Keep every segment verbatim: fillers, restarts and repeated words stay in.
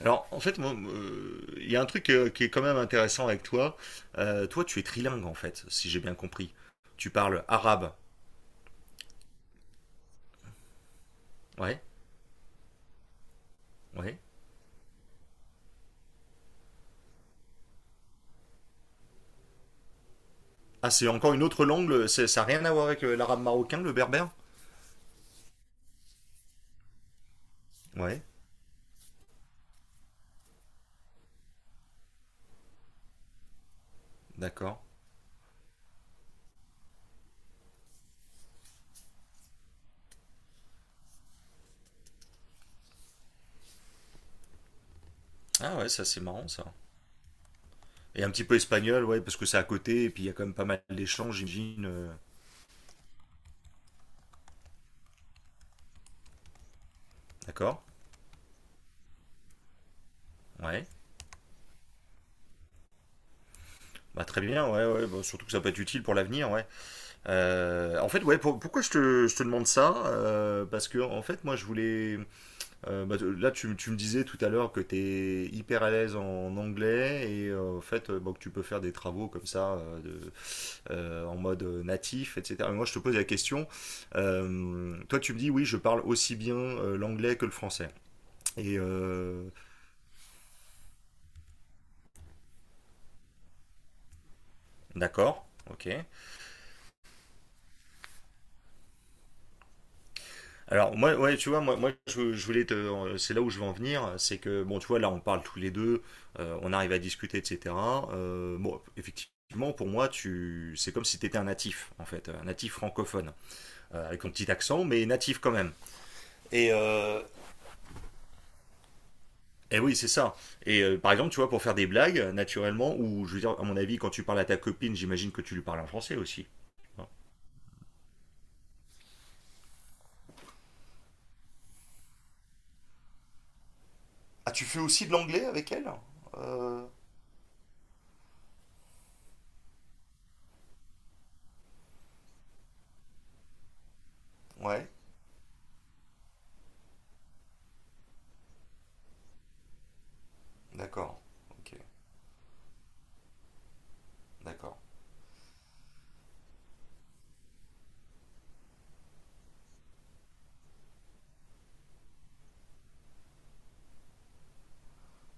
Alors, en fait, moi, euh, il y a un truc euh, qui est quand même intéressant avec toi. Euh, toi, tu es trilingue, en fait, si j'ai bien compris. Tu parles arabe. Ouais, ouais. Ah, c'est encore une autre langue, le- c'est- ça n'a rien à voir avec euh, l'arabe marocain, le berbère? Ouais, d'accord. Ah ouais, ça c'est marrant ça. Et un petit peu espagnol, ouais, parce que c'est à côté, et puis il y a quand même pas mal d'échanges, j'imagine. euh, D'accord? Ouais. Bah très bien, ouais, ouais, bah, surtout que ça peut être utile pour l'avenir, ouais. Euh, en fait, ouais, pour- pourquoi je te, je te demande ça? Euh, parce que, en fait, moi, je voulais… Euh, bah, là, tu, tu me disais tout à l'heure que tu es hyper à l'aise en anglais et euh, en fait euh, bon, que tu peux faire des travaux comme ça euh, de- euh, en mode natif, et cetera. Mais moi, je te pose la question. Euh, toi, tu me dis oui, je parle aussi bien euh, l'anglais que le français. Et euh, d'accord, ok. Alors moi, ouais, tu vois, moi, moi je, je voulais te, c'est là où je veux en venir, c'est que bon, tu vois, là on parle tous les deux, euh, on arrive à discuter, et cetera. Euh, bon, effectivement, pour moi, tu, c'est comme si tu étais un natif, en fait, un natif francophone, euh, avec un petit accent, mais natif quand même. Et euh, eh oui, c'est ça. Et euh, par exemple, tu vois, pour faire des blagues, naturellement, ou je veux dire, à mon avis, quand tu parles à ta copine, j'imagine que tu lui parles en français aussi. Hein. Ah, tu fais aussi de l'anglais avec elle? Euh, Ouais, d'accord. Ok, d'accord.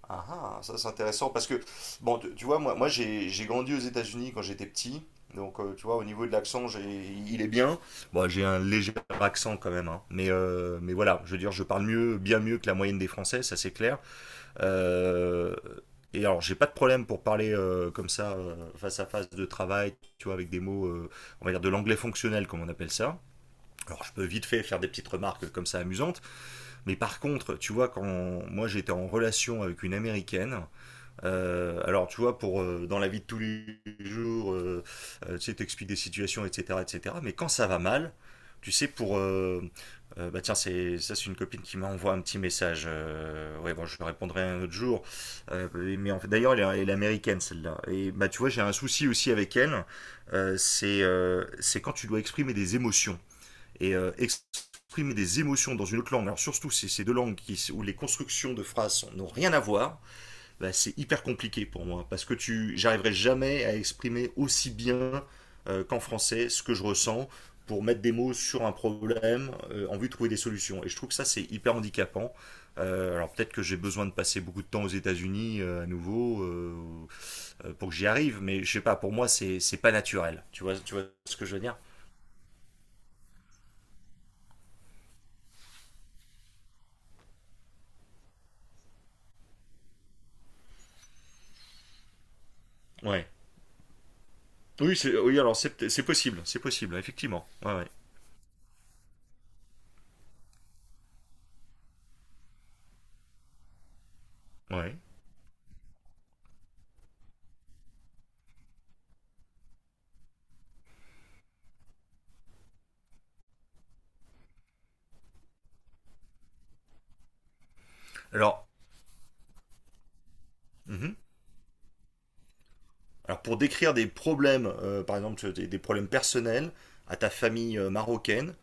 Ah, ah, ça c'est intéressant parce que, bon, tu, tu vois, moi, moi j'ai j'ai grandi aux États-Unis quand j'étais petit. Donc, euh, tu vois, au niveau de l'accent, j'ai- il est bien. Bon, j'ai un léger accent quand même, hein. Mais, euh, mais voilà, je veux dire, je parle mieux, bien mieux que la moyenne des Français, ça c'est clair. Euh, et alors, j'ai pas de problème pour parler euh, comme ça, euh, face à face de travail, tu vois, avec des mots, euh, on va dire de l'anglais fonctionnel, comme on appelle ça. Alors, je peux vite fait faire des petites remarques comme ça amusantes. Mais par contre, tu vois, quand moi j'étais en relation avec une Américaine, euh, alors, tu vois, pour euh, dans la vie de tous les jours, euh, euh, tu sais, t'expliques des situations, et cetera, et cetera. Mais quand ça va mal, tu sais, pour euh, euh, bah tiens, c'est ça, c'est une copine qui m'envoie un petit message. Euh, ouais, bon, je lui répondrai un autre jour. Euh, mais en fait, d'ailleurs, elle, est elle est américaine celle-là. Et bah, tu vois, j'ai un souci aussi avec elle. Euh, c'est euh, c'est quand tu dois exprimer des émotions et euh, ex- exprimer des émotions dans une autre langue. Alors surtout, c'est ces deux langues qui, où les constructions de phrases n'ont rien à voir, bah, c'est hyper compliqué pour moi parce que tu, j'arriverai jamais à exprimer aussi bien euh, qu'en français ce que je ressens pour mettre des mots sur un problème euh, en vue de trouver des solutions. Et je trouve que ça c'est hyper handicapant. Euh, alors peut-être que j'ai besoin de passer beaucoup de temps aux États-Unis euh, à nouveau euh, euh, pour que j'y arrive, mais je sais pas, pour moi c'est c'est pas naturel. Tu vois, tu vois ce que je veux dire? Ouais. Oui, c'est oui, alors c'est c'est possible, c'est possible, effectivement. Ouais, ouais. Ouais. Alors, mhm. Alors pour décrire des problèmes, euh, par exemple des, des problèmes personnels à ta famille euh, marocaine,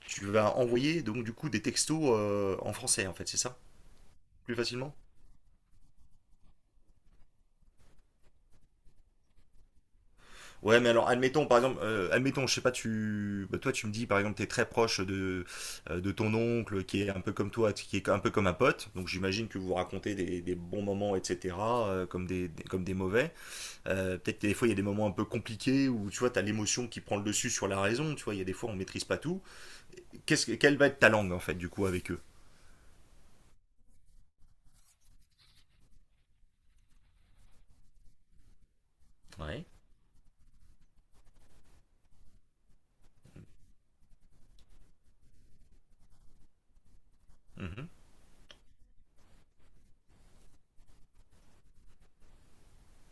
tu vas envoyer donc du coup des textos euh, en français en fait, c'est ça? Plus facilement. Ouais, mais alors admettons par exemple, euh, admettons, je sais pas, tu, bah, toi tu me dis par exemple, t'es très proche de, euh, de ton oncle qui est un peu comme toi, qui est un peu comme un pote, donc j'imagine que vous vous racontez des, des bons moments, et cetera, euh, comme des, des- comme des mauvais. Euh, peut-être que des fois il y a des moments un peu compliqués où tu vois, t'as l'émotion qui prend le dessus sur la raison, tu vois, il y a des fois on maîtrise pas tout. Qu'est-ce que- quelle va être ta langue en fait du coup avec eux? Ouais. Mhm,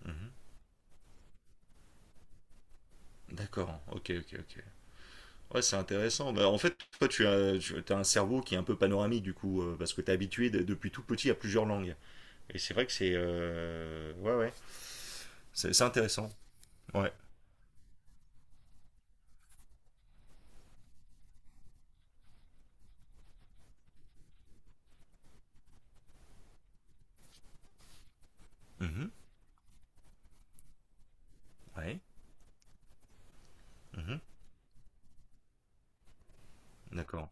mhm. D'accord, ok, ok, ok. Ouais, c'est intéressant. Bah, en fait, toi, tu as, tu as un cerveau qui est un peu panoramique, du coup, euh, parce que tu es habitué de- depuis tout petit à plusieurs langues. Et c'est vrai que c'est… euh, Ouais, ouais. C'est c'est intéressant. Ouais. Mhm, ouais. Mhm, d'accord.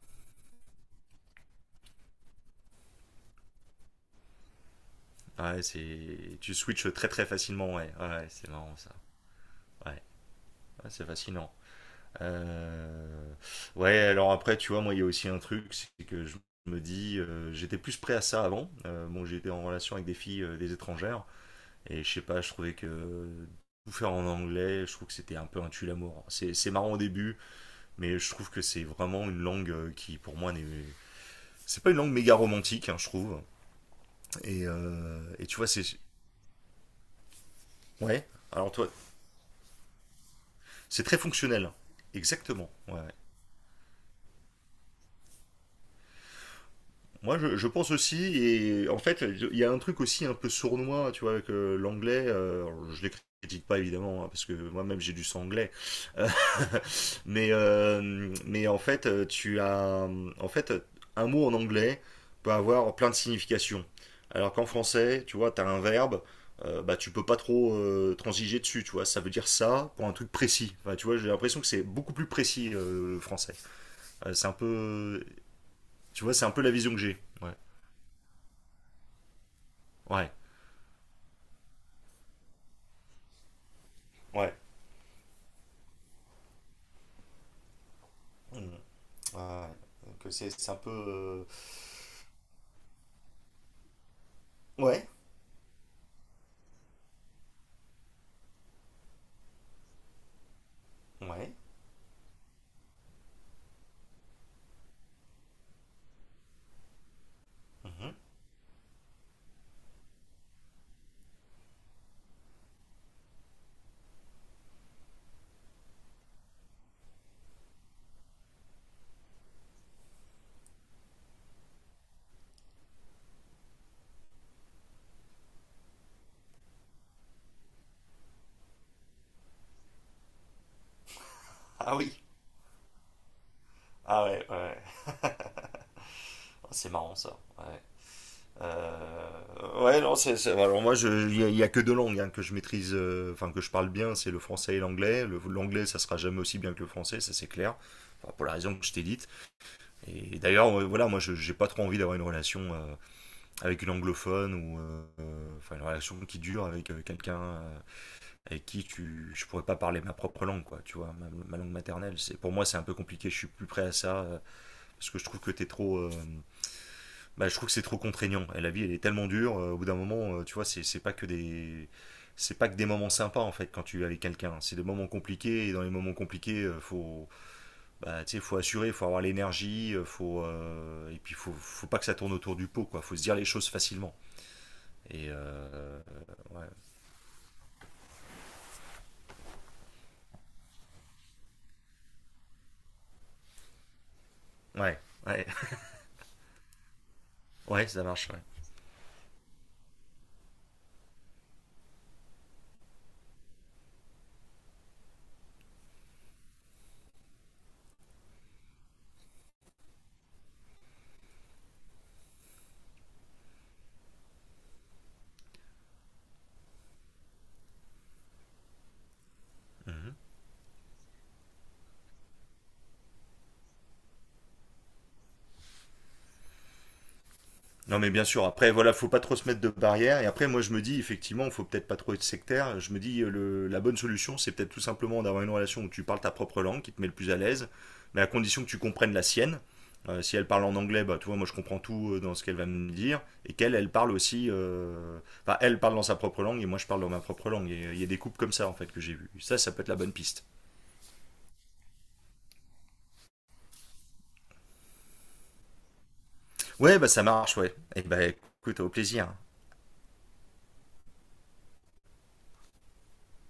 Ouais, c'est… Tu switches très, très facilement, ouais. Ouais, c'est marrant ça. Ouais, ouais, c'est fascinant. Euh, Ouais, alors après, tu vois, moi, il y a aussi un truc, c'est que je me dis, euh, j'étais plus prêt à ça avant. Euh, bon, j'étais en relation avec des filles, euh, des étrangères, et je sais pas, je trouvais que tout faire en anglais, je trouve que c'était un peu un tue-l'amour. C'est c'est marrant au début, mais je trouve que c'est vraiment une langue euh, qui, pour moi, n'est… C'est pas une langue méga romantique, hein, je trouve. Et, euh, et tu vois, c'est… Ouais, alors toi, c'est très fonctionnel. Exactement, ouais. Moi, je, je pense aussi, et en fait, il y a un truc aussi un peu sournois, tu vois, avec euh, l'anglais. Euh, alors, je les critique pas évidemment, hein, parce que moi-même j'ai du sang anglais. Euh, mais, euh, mais en fait, euh, tu as, en fait, un mot en anglais peut avoir plein de significations. Alors qu'en français, tu vois, tu as un verbe, euh, bah tu peux pas trop euh, transiger dessus, tu vois. Ça veut dire ça pour un truc précis. Enfin, tu vois, j'ai l'impression que c'est beaucoup plus précis euh, le français. Euh, c'est un peu, tu vois, c'est un peu la vision que j'ai. Ouais. Ouais. Mm. Ouais. Mhm. Ouais. Donc euh, c'est c'est un peu… euh, Ouais. Ouais. Mhm. Ah oui. Ah ouais, ouais. Ouais. Oh, c'est marrant ça. Ouais. Euh, Ouais, non, c'est… c'est- Alors moi, je- il n'y a, il y a que deux langues hein, que je maîtrise, euh, enfin que je parle bien, c'est le français et l'anglais. Le- L'anglais, ça sera jamais aussi bien que le français, ça c'est clair. Enfin, pour la raison que je t'ai dite. Et d'ailleurs, euh, voilà, moi, je j'ai pas trop envie d'avoir une relation euh, avec une anglophone ou euh, euh, enfin une relation qui dure avec euh, quelqu'un. Euh, avec qui tu, je pourrais pas parler ma propre langue, quoi, tu vois, ma, ma langue maternelle. C'est, pour moi, c'est un peu compliqué, je suis plus prêt à ça, euh, parce que je trouve que t'es trop, euh, bah, je trouve que c'est trop contraignant. Et la vie, elle est tellement dure, euh, au bout d'un moment, euh, tu vois, c'est, c'est pas que des, c'est pas que des moments sympas, en fait, quand tu es avec quelqu'un. C'est des moments compliqués, et dans les moments compliqués, euh, faut, bah, tu sais, faut assurer, faut avoir l'énergie, euh, faut, euh, et puis faut, faut pas que ça tourne autour du pot, quoi, faut se dire les choses facilement. Et, euh, ouais, ouais, ouais, ouais, ça marche, ouais. Non mais bien sûr, après voilà, faut pas trop se mettre de barrières. Et après moi je me dis effectivement, faut peut-être pas trop être sectaire. Je me dis euh, le, la bonne solution c'est peut-être tout simplement d'avoir une relation où tu parles ta propre langue, qui te met le plus à l'aise, mais à condition que tu comprennes la sienne. Euh, si elle parle en anglais, bah tu vois, moi je comprends tout euh, dans ce qu'elle va me dire, et qu'elle, elle parle aussi, euh, enfin elle parle dans sa propre langue et moi je parle dans ma propre langue. Et euh, il y a des couples comme ça en fait que j'ai vu. Ça, ça peut être la bonne piste. Ouais, bah ça marche, ouais. Et bah écoute, au plaisir.